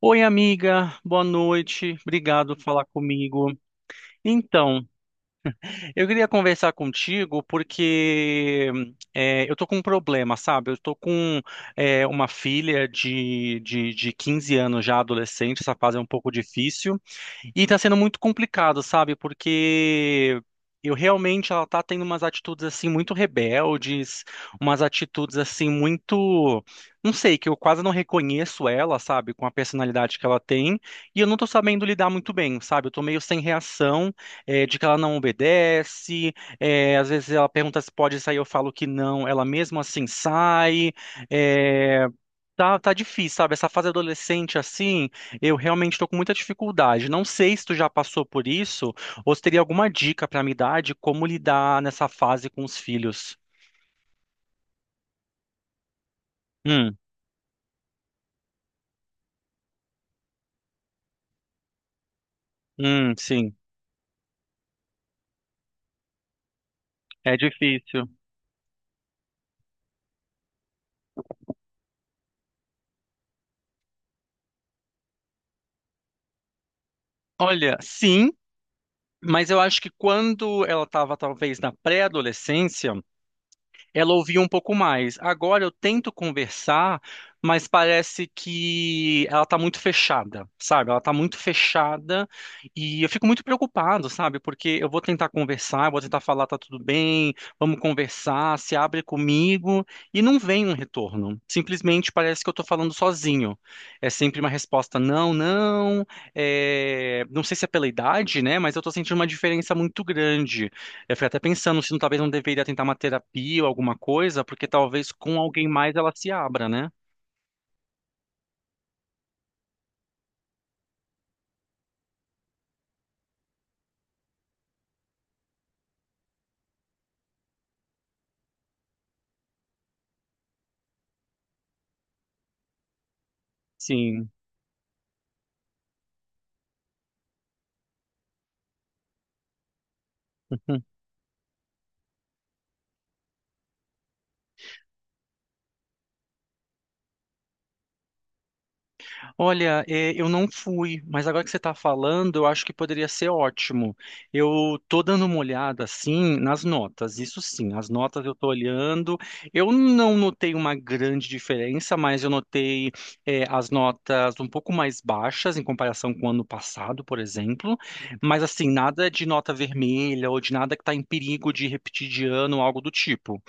Oi, amiga, boa noite. Obrigado por falar comigo. Então, eu queria conversar contigo porque eu tô com um problema, sabe? Eu tô com uma filha de 15 anos já, adolescente, essa fase é um pouco difícil. E tá sendo muito complicado, sabe? Porque eu realmente ela tá tendo umas atitudes assim muito rebeldes, umas atitudes assim muito, não sei, que eu quase não reconheço ela, sabe, com a personalidade que ela tem, e eu não tô sabendo lidar muito bem, sabe? Eu tô meio sem reação, de que ela não obedece, às vezes ela pergunta se pode sair, eu falo que não, ela mesmo assim sai. eh, Tá, tá difícil, sabe? Essa fase adolescente, assim, eu realmente tô com muita dificuldade. Não sei se tu já passou por isso ou se teria alguma dica pra me dar de como lidar nessa fase com os filhos. Hum, sim. É difícil. Olha, sim, mas eu acho que quando ela estava talvez na pré-adolescência. Ela ouvia um pouco mais. Agora eu tento conversar, mas parece que ela tá muito fechada, sabe? Ela tá muito fechada e eu fico muito preocupado, sabe? Porque eu vou tentar conversar, eu vou tentar falar, tá tudo bem, vamos conversar, se abre comigo e não vem um retorno. Simplesmente parece que eu tô falando sozinho. É sempre uma resposta não, não, é, não sei se é pela idade, né? Mas eu tô sentindo uma diferença muito grande. Eu fico até pensando se não- talvez não deveria tentar uma terapia ou alguma coisa, porque talvez com alguém mais ela se abra, né? Sim. Olha, é, eu não fui, mas agora que você está falando, eu acho que poderia ser ótimo. Eu tô dando uma olhada, assim, nas notas, isso sim, as notas eu tô olhando. Eu não notei uma grande diferença, mas eu notei, é, as notas um pouco mais baixas em comparação com o ano passado, por exemplo. Mas, assim, nada de nota vermelha ou de nada que está em perigo de repetir de ano, algo do tipo.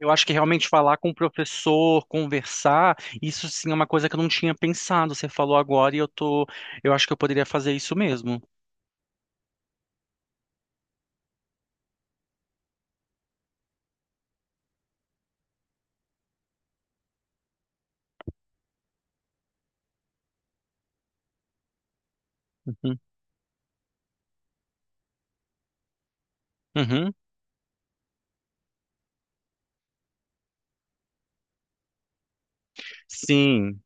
Eu acho que realmente falar com o professor, conversar, isso sim é uma coisa que eu não tinha pensado. Você falou agora eu acho que eu poderia fazer isso mesmo. Uhum. Uhum. Sim.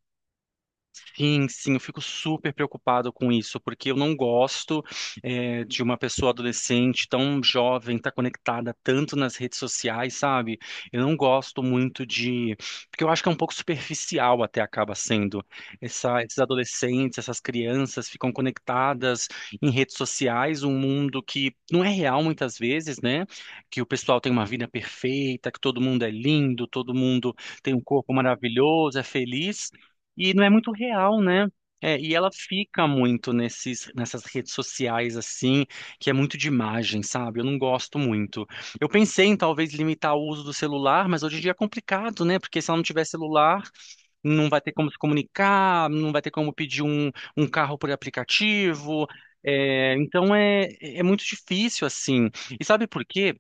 Sim, sim, eu fico super preocupado com isso, porque eu não gosto de uma pessoa adolescente tão jovem, estar conectada tanto nas redes sociais, sabe? Eu não gosto muito de. Porque eu acho que é um pouco superficial até acaba sendo. Esses adolescentes, essas crianças ficam conectadas em redes sociais, um mundo que não é real muitas vezes, né? Que o pessoal tem uma vida perfeita, que todo mundo é lindo, todo mundo tem um corpo maravilhoso, é feliz. E não é muito real, né? É, e ela fica muito nessas redes sociais, assim, que é muito de imagem, sabe? Eu não gosto muito. Eu pensei em talvez limitar o uso do celular, mas hoje em dia é complicado, né? Porque se ela não tiver celular, não vai ter como se comunicar, não vai ter como pedir um carro por aplicativo. Então é muito difícil, assim. E sabe por quê?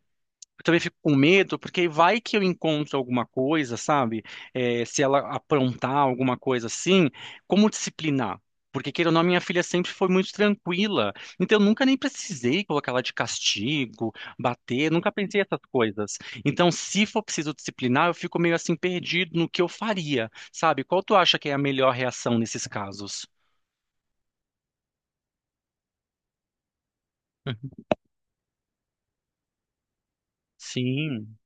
Eu também fico com medo, porque vai que eu encontro alguma coisa, sabe? É, se ela aprontar alguma coisa assim, como disciplinar? Porque, queira ou não, minha filha sempre foi muito tranquila. Então, eu nunca nem precisei colocar ela de castigo, bater, nunca pensei essas coisas. Então, se for preciso disciplinar, eu fico meio assim perdido no que eu faria, sabe? Qual tu acha que é a melhor reação nesses casos? Sim,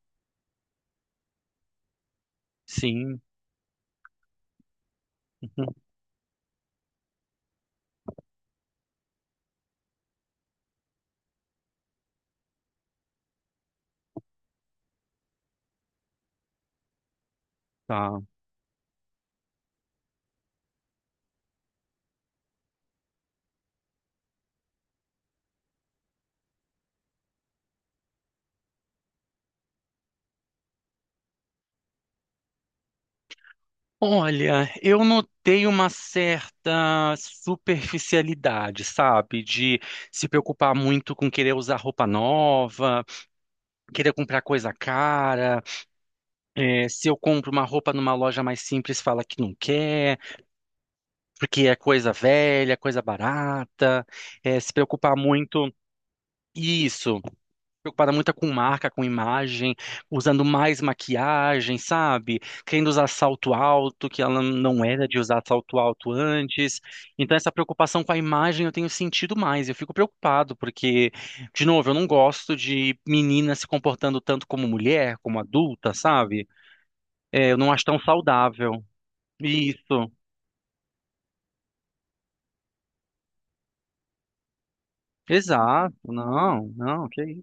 sim. Tá. Olha, eu notei uma certa superficialidade, sabe? De se preocupar muito com querer usar roupa nova, querer comprar coisa cara. É, se eu compro uma roupa numa loja mais simples, fala que não quer, porque é coisa velha, coisa barata. É, se preocupar muito. Isso. Preocupada muito com marca, com imagem, usando mais maquiagem, sabe? Querendo usar salto alto, que ela não era de usar salto alto antes. Então, essa preocupação com a imagem eu tenho sentido mais. Eu fico preocupado, porque, de novo, eu não gosto de menina se comportando tanto como mulher, como adulta, sabe? É, eu não acho tão saudável. Isso. Exato. Não, não, que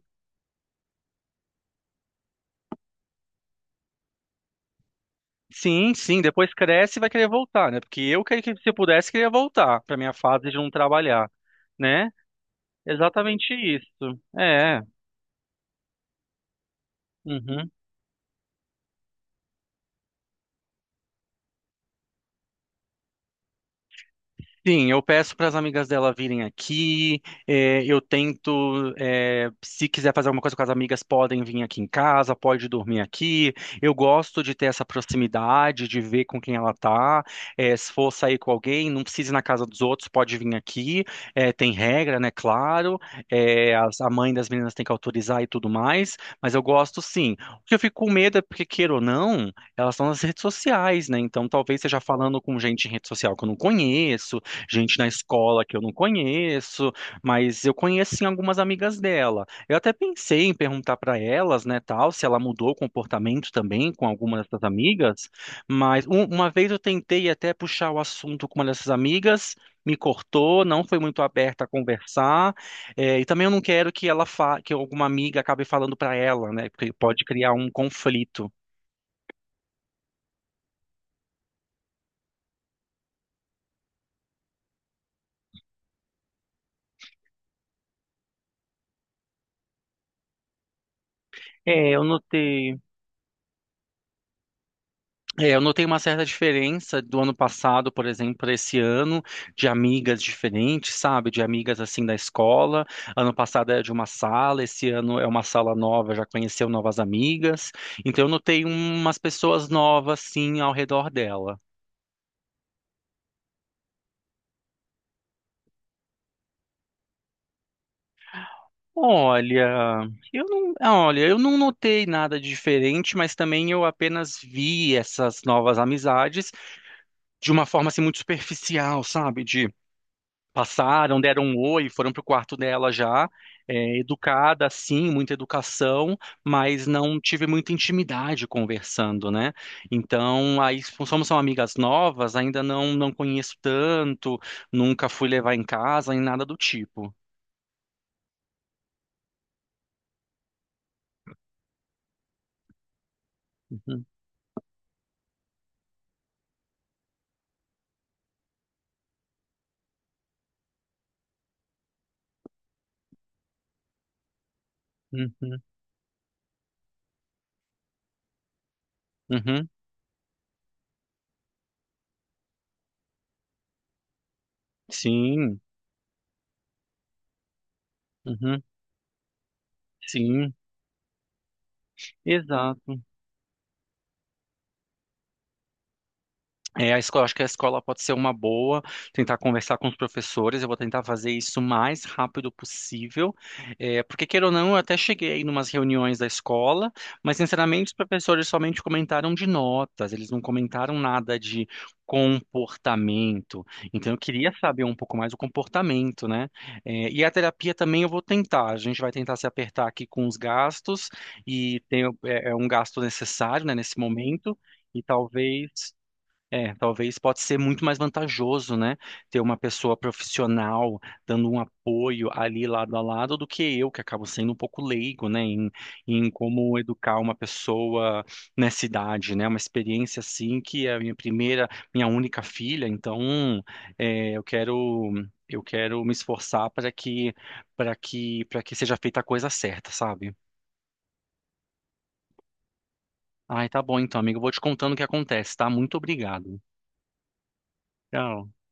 Sim, sim, depois cresce e vai querer voltar, né? Porque eu queria que se pudesse queria voltar para minha fase de não trabalhar, né? Exatamente isso. É. Uhum. Sim, eu peço para as amigas dela virem aqui. Eu tento, se quiser fazer alguma coisa com as amigas, podem vir aqui em casa, pode dormir aqui. Eu gosto de ter essa proximidade, de ver com quem ela tá. Se for sair com alguém, não precisa ir na casa dos outros, pode vir aqui. Tem regra, né? Claro. A mãe das meninas tem que autorizar e tudo mais. Mas eu gosto sim. O que eu fico com medo é porque, queira ou não, elas estão nas redes sociais, né? Então talvez seja falando com gente em rede social que eu não conheço, gente na escola que eu não conheço, mas eu conheço sim algumas amigas dela. Eu até pensei em perguntar para elas, né, tal, se ela mudou o comportamento também com alguma dessas amigas, mas uma vez eu tentei até puxar o assunto com uma dessas amigas, me cortou, não foi muito aberta a conversar, é, e também eu não quero que ela fa que alguma amiga acabe falando para ela, né, porque pode criar um conflito. É, eu notei. É, eu notei uma certa diferença do ano passado, por exemplo, para esse ano, de amigas diferentes, sabe? De amigas assim da escola. Ano passado era de uma sala, esse ano é uma sala nova, já conheceu novas amigas. Então eu notei umas pessoas novas assim ao redor dela. Olha, eu não notei nada de diferente, mas também eu apenas vi essas novas amizades de uma forma assim muito superficial, sabe? De passaram, deram um oi, foram pro quarto dela já, é, educada, sim, muita educação, mas não tive muita intimidade conversando, né? Então, aí, como são amigas novas, ainda não, não conheço tanto, nunca fui levar em casa, nem nada do tipo. Uhum, uhum, uhum, sim, uhum, sim, exato. É, a escola, acho que a escola pode ser uma boa, tentar conversar com os professores, eu vou tentar fazer isso o mais rápido possível, é, porque queira ou não, eu até cheguei aí numas reuniões da escola, mas sinceramente os professores somente comentaram de notas, eles não comentaram nada de comportamento, então eu queria saber um pouco mais do comportamento, né? É, e a terapia também eu vou tentar, a gente vai tentar se apertar aqui com os gastos, é um gasto necessário, né, nesse momento, e talvez talvez pode ser muito mais vantajoso, né? Ter uma pessoa profissional dando um apoio ali lado a lado do que eu, que acabo sendo um pouco leigo, né? Em como educar uma pessoa nessa idade, né? Uma experiência assim que é a minha primeira, minha única filha, então é, eu quero eu quero me esforçar para que seja feita a coisa certa, sabe? Ai, tá bom então, amigo. Eu vou te contando o que acontece, tá? Muito obrigado. Tchau.